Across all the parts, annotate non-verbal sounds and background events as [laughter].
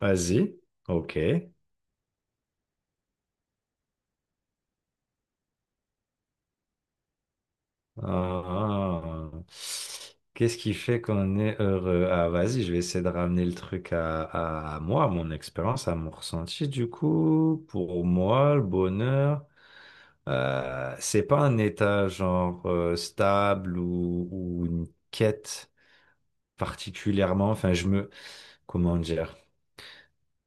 Vas-y. Ok. Ah. Qu'est-ce qui fait qu'on est heureux? Ah, vas-y, je vais essayer de ramener le truc à moi, à mon expérience, à mon ressenti. Du coup, pour moi, le bonheur, c'est pas un état genre stable ou une quête particulièrement. Comment dire?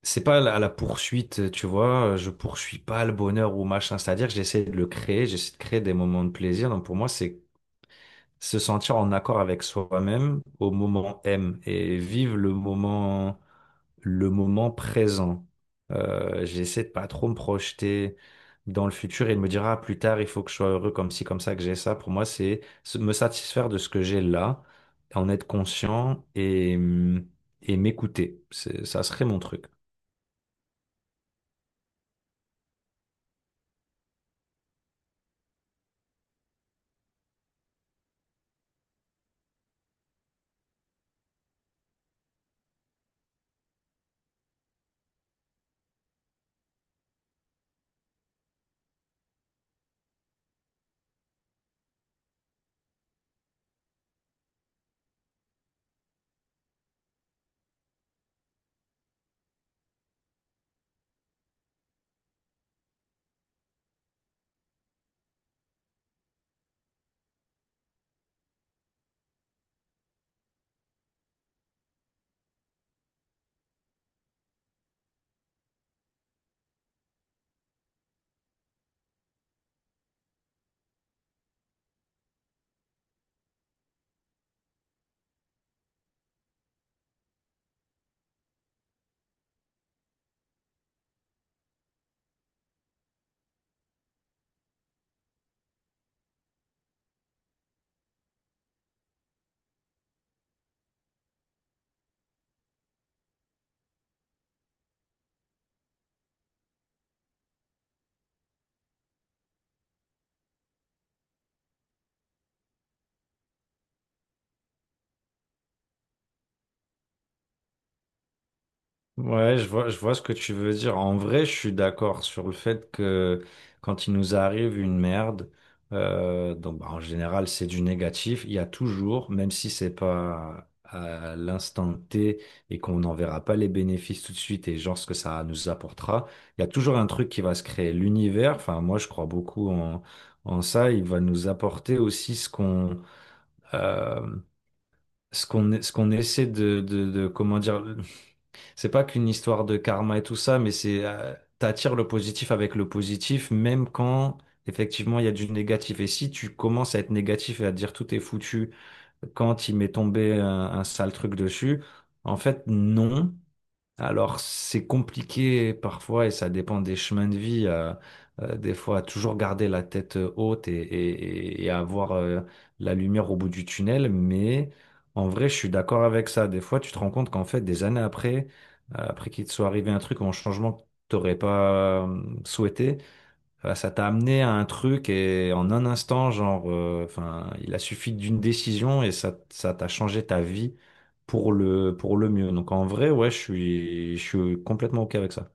C'est pas à la poursuite, tu vois. Je poursuis pas le bonheur ou machin. C'est-à-dire que j'essaie de le créer, j'essaie de créer des moments de plaisir. Donc pour moi, c'est se sentir en accord avec soi-même au moment M et vivre le moment présent. J'essaie de pas trop me projeter dans le futur et de me dire, ah, plus tard, il faut que je sois heureux comme ci, comme ça, que j'ai ça. Pour moi, c'est me satisfaire de ce que j'ai là, en être conscient et m'écouter. Ça serait mon truc. Ouais, je vois ce que tu veux dire. En vrai, je suis d'accord sur le fait que quand il nous arrive une merde, donc bah, en général c'est du négatif. Il y a toujours, même si c'est pas à l'instant T et qu'on n'en verra pas les bénéfices tout de suite et genre ce que ça nous apportera, il y a toujours un truc qui va se créer. L'univers, enfin moi je crois beaucoup en, en ça. Il va nous apporter aussi euh, ce qu'on essaie de comment dire. C'est pas qu'une histoire de karma et tout ça, mais c'est t'attires le positif avec le positif, même quand effectivement il y a du négatif. Et si tu commences à être négatif et à te dire tout est foutu quand il m'est tombé un sale truc dessus, en fait non. Alors, c'est compliqué parfois et ça dépend des chemins de vie. Des fois, toujours garder la tête haute et avoir la lumière au bout du tunnel. Mais en vrai, je suis d'accord avec ça. Des fois, tu te rends compte qu'en fait, des années après, après qu'il te soit arrivé un truc ou un changement que tu n'aurais pas souhaité, voilà, ça t'a amené à un truc et en un instant, il a suffi d'une décision et ça t'a changé ta vie pour pour le mieux. Donc en vrai, ouais, je suis complètement OK avec ça.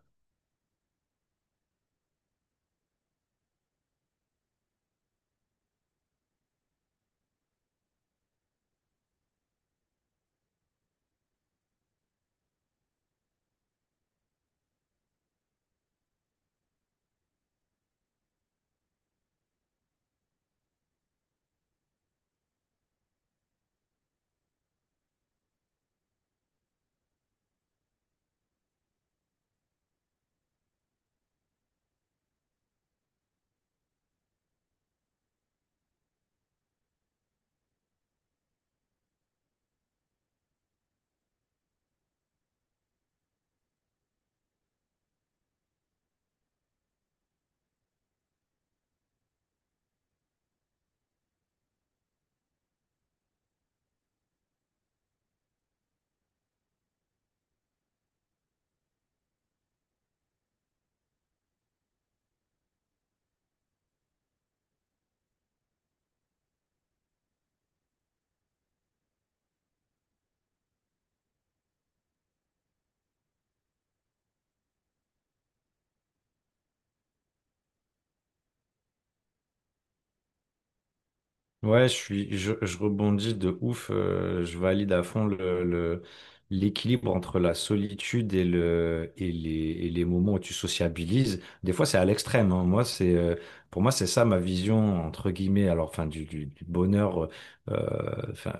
Ouais, je suis, je rebondis de ouf. Je valide à fond l'équilibre entre la solitude et et les moments où tu sociabilises. Des fois, c'est à l'extrême, hein. Moi, pour moi, c'est ça ma vision entre guillemets. Alors, enfin, du bonheur. Enfin,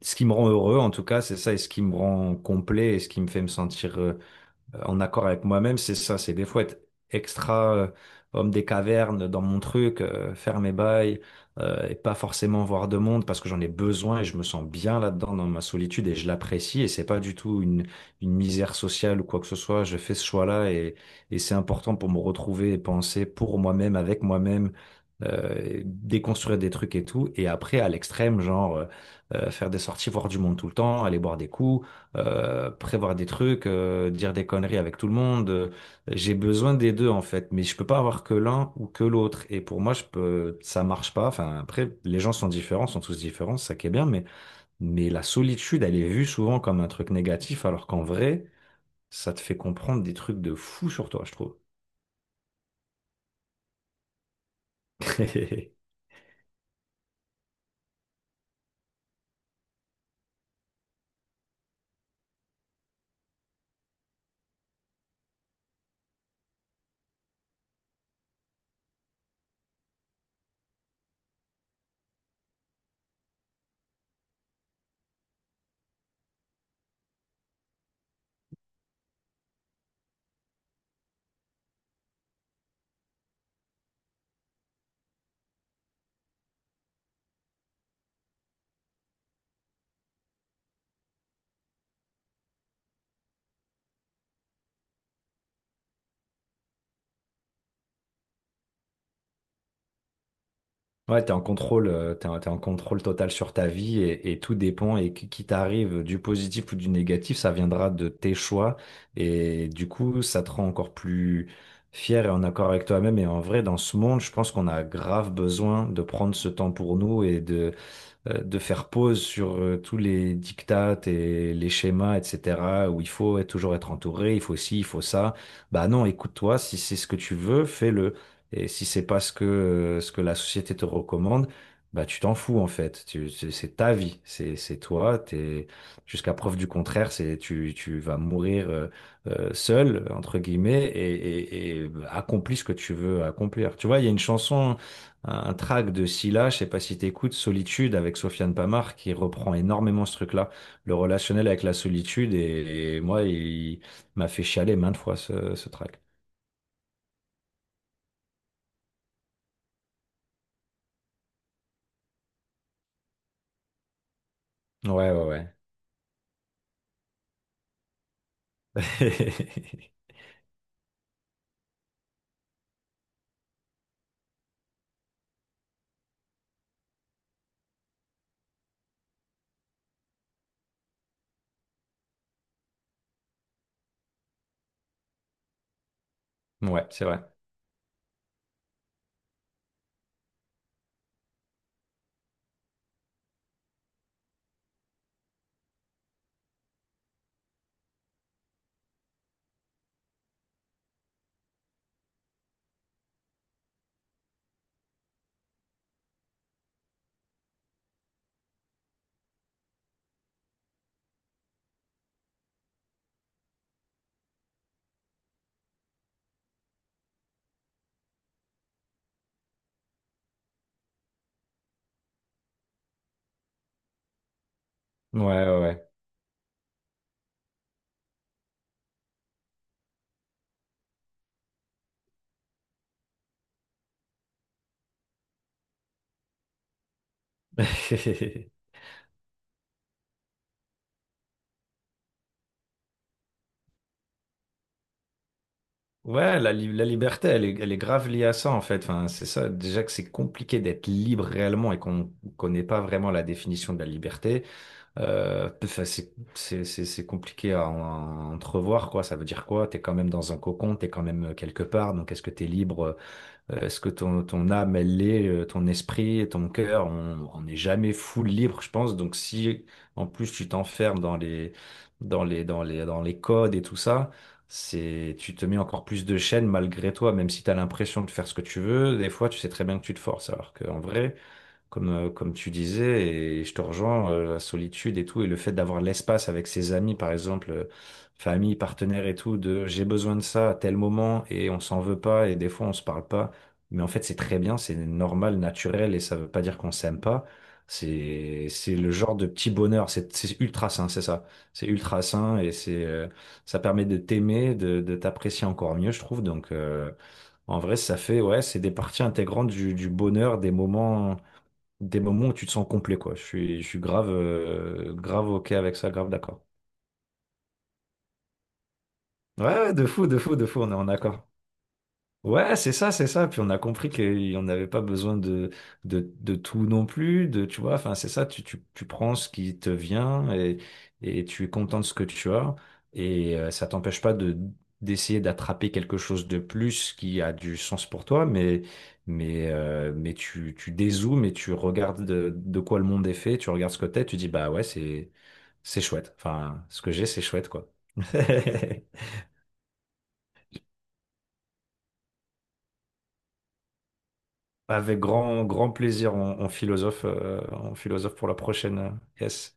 ce qui me rend heureux, en tout cas, c'est ça, et ce qui me rend complet, et ce qui me fait me sentir en accord avec moi-même, c'est ça, c'est des fois être extra homme des cavernes dans mon truc, faire mes bails et pas forcément voir de monde parce que j'en ai besoin et je me sens bien là-dedans dans ma solitude et je l'apprécie et c'est pas du tout une misère sociale ou quoi que ce soit. Je fais ce choix-là et c'est important pour me retrouver et penser pour moi-même, avec moi-même déconstruire des trucs et tout. Et après, à l'extrême, faire des sorties, voir du monde tout le temps, aller boire des coups, prévoir des trucs, dire des conneries avec tout le monde. J'ai besoin des deux en fait, mais je peux pas avoir que l'un ou que l'autre. Et pour moi, ça marche pas. Enfin, après, les gens sont différents, sont tous différents, c'est ça qui est bien, mais la solitude, elle est vue souvent comme un truc négatif, alors qu'en vrai, ça te fait comprendre des trucs de fou sur toi, je trouve. [laughs] Ouais, t'es en contrôle, t'es en contrôle total sur ta vie et tout dépend et qui t'arrive du positif ou du négatif, ça viendra de tes choix et du coup, ça te rend encore plus fier et en accord avec toi-même. Et en vrai, dans ce monde, je pense qu'on a grave besoin de prendre ce temps pour nous et de faire pause sur tous les diktats et les schémas, etc., où il toujours être entouré, il faut ci, il faut ça. Bah non, écoute-toi, si c'est ce que tu veux, fais-le. Et si c'est pas ce que la société te recommande, bah tu t'en fous en fait. C'est ta vie, c'est toi, jusqu'à preuve du contraire, tu vas mourir seul, entre guillemets, et bah, accomplis ce que tu veux accomplir. Tu vois, il y a une chanson un track de Scylla, je sais pas si t'écoutes, Solitude avec Sofiane Pamart qui reprend énormément ce truc-là, le relationnel avec la solitude et moi il m'a fait chialer maintes fois ce track. Ouais ouais ouais. [laughs] Ouais, c'est vrai. Ouais ouais ouais. [laughs] Ouais, la liberté, elle est grave liée à ça en fait. Enfin, c'est ça. Déjà que c'est compliqué d'être libre réellement et qu'on ne connaît pas vraiment la définition de la liberté. C'est compliqué à, à entrevoir, quoi. Ça veut dire quoi? T'es quand même dans un cocon, t'es quand même quelque part. Donc, est-ce que t'es libre? Est-ce que ton, ton âme, elle l'est? Ton esprit, et ton cœur, on n'est jamais full libre, je pense. Donc, si en plus tu t'enfermes dans les codes et tout ça, c'est, tu te mets encore plus de chaînes malgré toi, même si t'as l'impression de faire ce que tu veux. Des fois, tu sais très bien que tu te forces, alors qu'en vrai comme tu disais, et je te rejoins, la solitude et tout, et le fait d'avoir l'espace avec ses amis, par exemple, famille, partenaire et tout, de j'ai besoin de ça à tel moment, et on s'en veut pas, et des fois on se parle pas. Mais en fait, c'est très bien, c'est normal, naturel, et ça veut pas dire qu'on s'aime pas. C'est le genre de petit bonheur, c'est ultra sain, c'est ça. C'est ultra sain, et ça permet de t'aimer, de t'apprécier encore mieux, je trouve. Donc, en vrai, ça fait, ouais, c'est des parties intégrantes du bonheur, des moments où tu te sens complet, quoi. Je suis grave, grave OK avec ça, grave d'accord. Ouais, ouais, de fou, de fou, de fou, on est en accord. Ouais, c'est ça, c'est ça. Puis on a compris qu'on n'avait pas besoin de tout non plus, tu vois, enfin, c'est ça, tu prends ce qui te vient et tu es content de ce que tu as. Et ça t'empêche pas de, d'essayer d'attraper quelque chose de plus qui a du sens pour toi, mais tu dézoomes et tu regardes de quoi le monde est fait, tu regardes ce que t'es, tu dis, bah ouais, c'est chouette. Enfin, ce que j'ai, c'est chouette, quoi. [laughs] Avec grand, grand plaisir, on philosophe pour la prochaine. Yes.